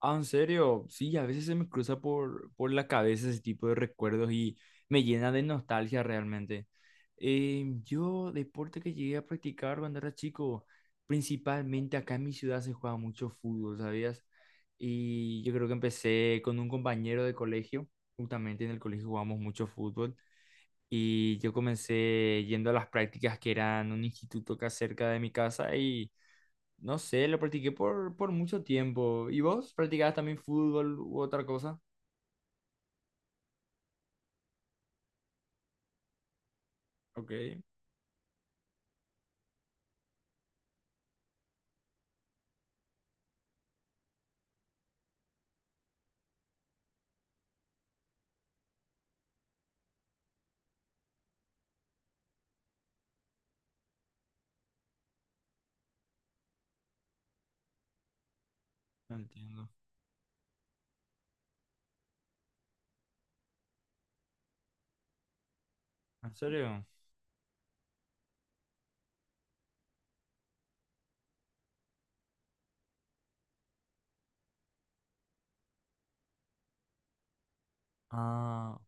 Ah, en serio, sí, a veces se me cruza por la cabeza ese tipo de recuerdos y me llena de nostalgia realmente. Yo, deporte que llegué a practicar cuando era chico, principalmente acá en mi ciudad se juega mucho fútbol, ¿sabías? Y yo creo que empecé con un compañero de colegio, justamente en el colegio jugamos mucho fútbol y yo comencé yendo a las prácticas que eran un instituto acá cerca de mi casa y no sé, lo practiqué por mucho tiempo. ¿Y vos practicabas también fútbol u otra cosa? Ok, entiendo. ¿En serio? Ah,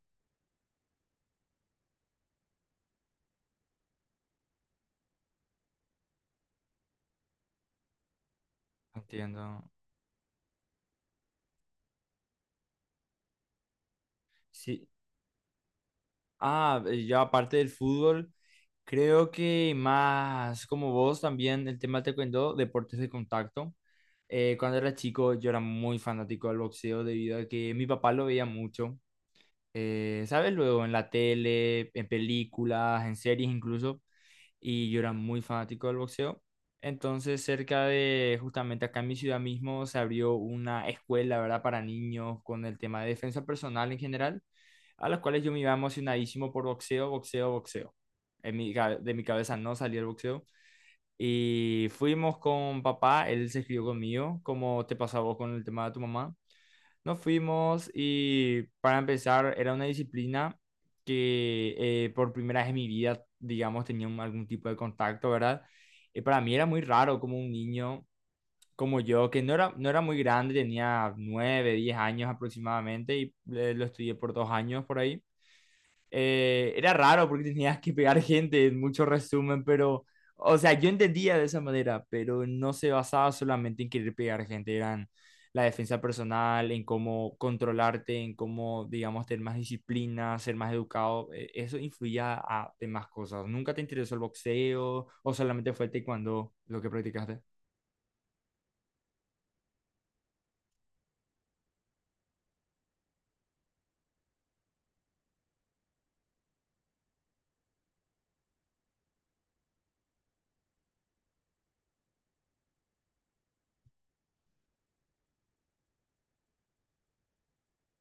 entiendo. Sí. Ah, yo aparte del fútbol, creo que más como vos también el tema te cuento deportes de contacto. Cuando era chico yo era muy fanático del boxeo debido a que mi papá lo veía mucho. ¿Sabes? Luego en la tele, en películas, en series incluso, y yo era muy fanático del boxeo. Entonces, cerca de, justamente acá en mi ciudad mismo, se abrió una escuela, ¿verdad? Para niños con el tema de defensa personal en general, a las cuales yo me iba emocionadísimo por boxeo, boxeo, boxeo. De mi cabeza no salía el boxeo. Y fuimos con papá, él se escribió conmigo, como te pasó a vos con el tema de tu mamá. Nos fuimos y para empezar era una disciplina que por primera vez en mi vida, digamos, tenía algún tipo de contacto, ¿verdad? Y para mí era muy raro como un niño como yo, que no era muy grande, tenía 9, 10 años aproximadamente y lo estudié por 2 años por ahí. Era raro porque tenías que pegar gente en mucho resumen, pero, o sea, yo entendía de esa manera, pero no se basaba solamente en querer pegar gente, eran la defensa personal, en cómo controlarte, en cómo, digamos, tener más disciplina, ser más educado, eso influía a demás cosas. ¿Nunca te interesó el boxeo o solamente fue el taekwondo lo que practicaste?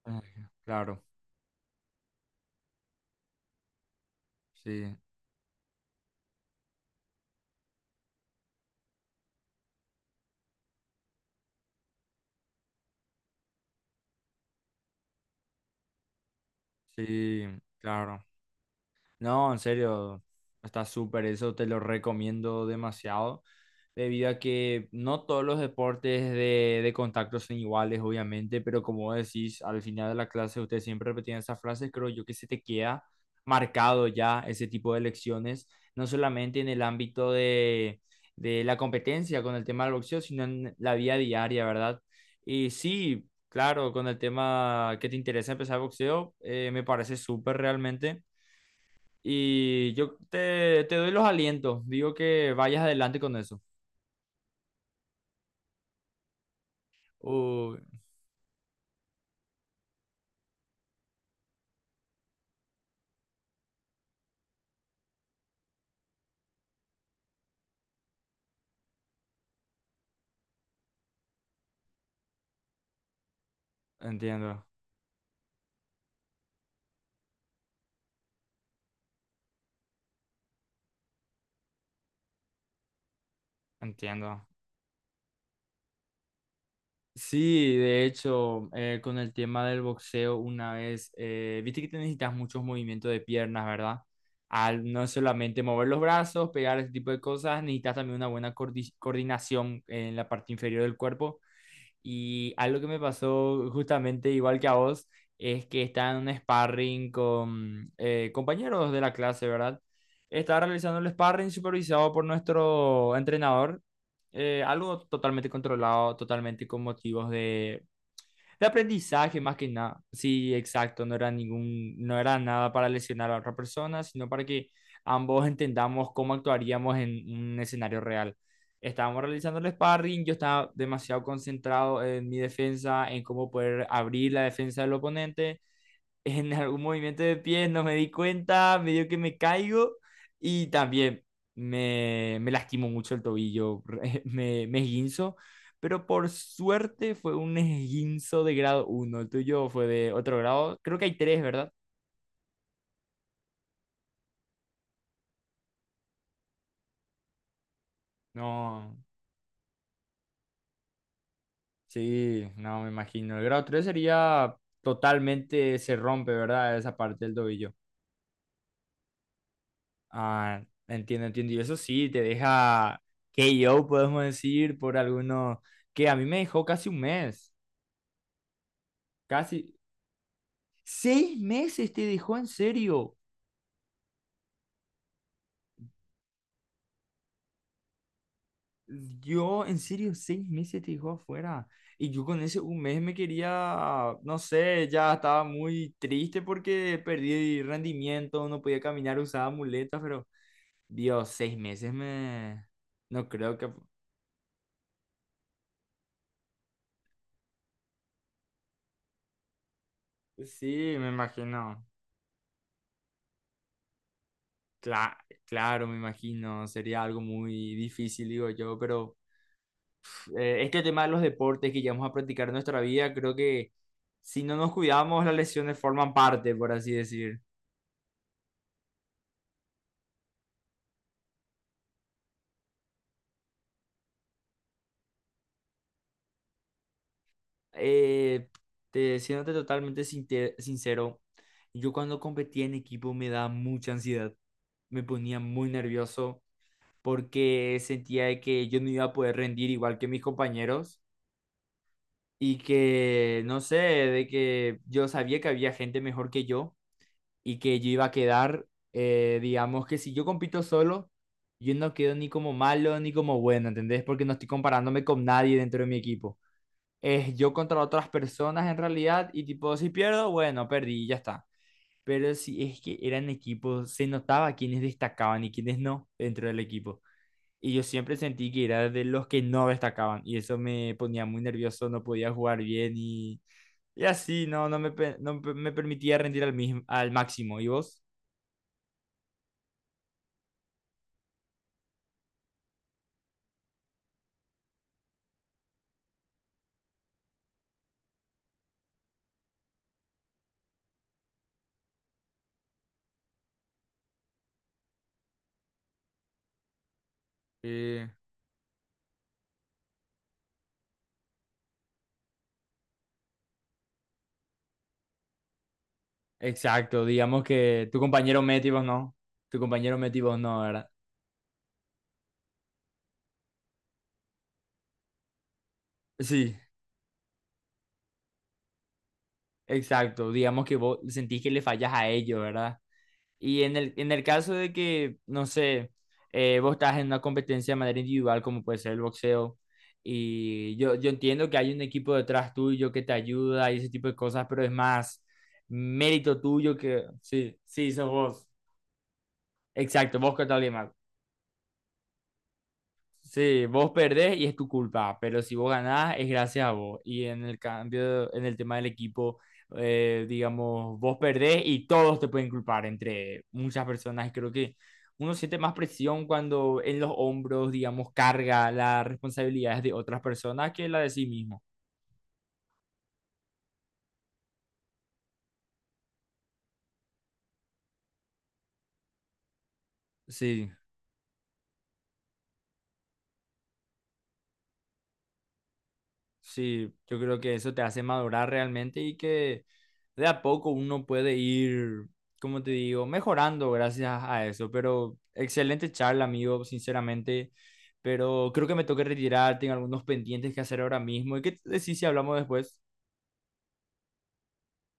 Ah, claro, sí, sí, claro. No, en serio, está súper, eso te lo recomiendo demasiado, debido a que no todos los deportes de contacto son iguales, obviamente, pero como vos decís, al final de la clase ustedes siempre repetían esas frases, creo yo que se te queda marcado ya ese tipo de lecciones, no solamente en el ámbito de la competencia con el tema del boxeo, sino en la vida diaria, ¿verdad? Y sí, claro, con el tema que te interesa empezar boxeo, me parece súper realmente. Y yo te doy los alientos. Digo que vayas adelante con eso. Uy, entiendo, entiendo. Sí, de hecho, con el tema del boxeo, una vez, viste que te necesitas muchos movimientos de piernas, ¿verdad? Al no solamente mover los brazos, pegar ese tipo de cosas, necesitas también una buena coordinación en la parte inferior del cuerpo. Y algo que me pasó justamente igual que a vos es que estaba en un sparring con compañeros de la clase, ¿verdad? Estaba realizando el sparring supervisado por nuestro entrenador, algo totalmente controlado, totalmente con motivos de aprendizaje más que nada. Sí, exacto, no era nada para lesionar a otra persona, sino para que ambos entendamos cómo actuaríamos en un escenario real. Estábamos realizando el sparring, yo estaba demasiado concentrado en mi defensa, en cómo poder abrir la defensa del oponente en algún movimiento de pies, no me di cuenta, medio que me caigo y también me lastimo mucho el tobillo, me esguinzo, pero por suerte fue un esguinzo de grado 1. El tuyo fue de otro grado, creo que hay 3, ¿verdad? No, sí, no me imagino, el grado 3 sería totalmente, se rompe, ¿verdad? Esa parte del tobillo. Ah, entiendo, entiendo. Y eso sí, te deja KO, podemos decir, por algunos, que a mí me dejó casi un mes, casi 6 meses te dejó en serio. Yo, en serio, 6 meses te dejó afuera. Y yo con ese un mes me quería, no sé, ya estaba muy triste porque perdí rendimiento, no podía caminar, usaba muletas, pero Dios, 6 meses me... No creo que... Sí, me imagino. Cla- claro, me imagino, sería algo muy difícil, digo yo, pero pf, este tema de los deportes que llevamos a practicar en nuestra vida, creo que si no nos cuidamos, las lesiones forman parte, por así decir. Eh, siéndote totalmente sincero, yo cuando competía en equipo me daba mucha ansiedad, me ponía muy nervioso porque sentía de que yo no iba a poder rendir igual que mis compañeros y que, no sé, de que yo sabía que había gente mejor que yo y que yo iba a quedar, digamos que si yo compito solo, yo no quedo ni como malo ni como bueno, ¿entendés? Porque no estoy comparándome con nadie dentro de mi equipo. Es yo contra otras personas en realidad y tipo, si pierdo, bueno, perdí y ya está. Pero si es que eran equipos, se notaba quiénes destacaban y quiénes no dentro del equipo. Y yo siempre sentí que era de los que no destacaban y eso me ponía muy nervioso, no podía jugar bien y así, no me permitía rendir al máximo. ¿Y vos? Sí, exacto. Digamos que tu compañero Meti vos no. Tu compañero Meti vos no, ¿verdad? Sí, exacto. Digamos que vos sentís que le fallas a ellos, ¿verdad? Y en el caso de que, no sé, vos estás en una competencia de manera individual, como puede ser el boxeo, y yo entiendo que hay un equipo detrás tuyo que te ayuda y ese tipo de cosas, pero es más mérito tuyo que... Sí, sí, sos vos. Exacto, vos que tal. Sí, vos perdés y es tu culpa, pero si vos ganás es gracias a vos. Y en el cambio, en el tema del equipo, digamos, vos perdés y todos te pueden culpar entre muchas personas. Y creo que uno siente más presión cuando en los hombros, digamos, carga las responsabilidades de otras personas que la de sí mismo. Sí. Sí, yo creo que eso te hace madurar realmente y que de a poco uno puede ir, como te digo, mejorando gracias a eso. Pero excelente charla, amigo, sinceramente. Pero creo que me toca retirar, tengo algunos pendientes que hacer ahora mismo. ¿Y qué te decís si hablamos después?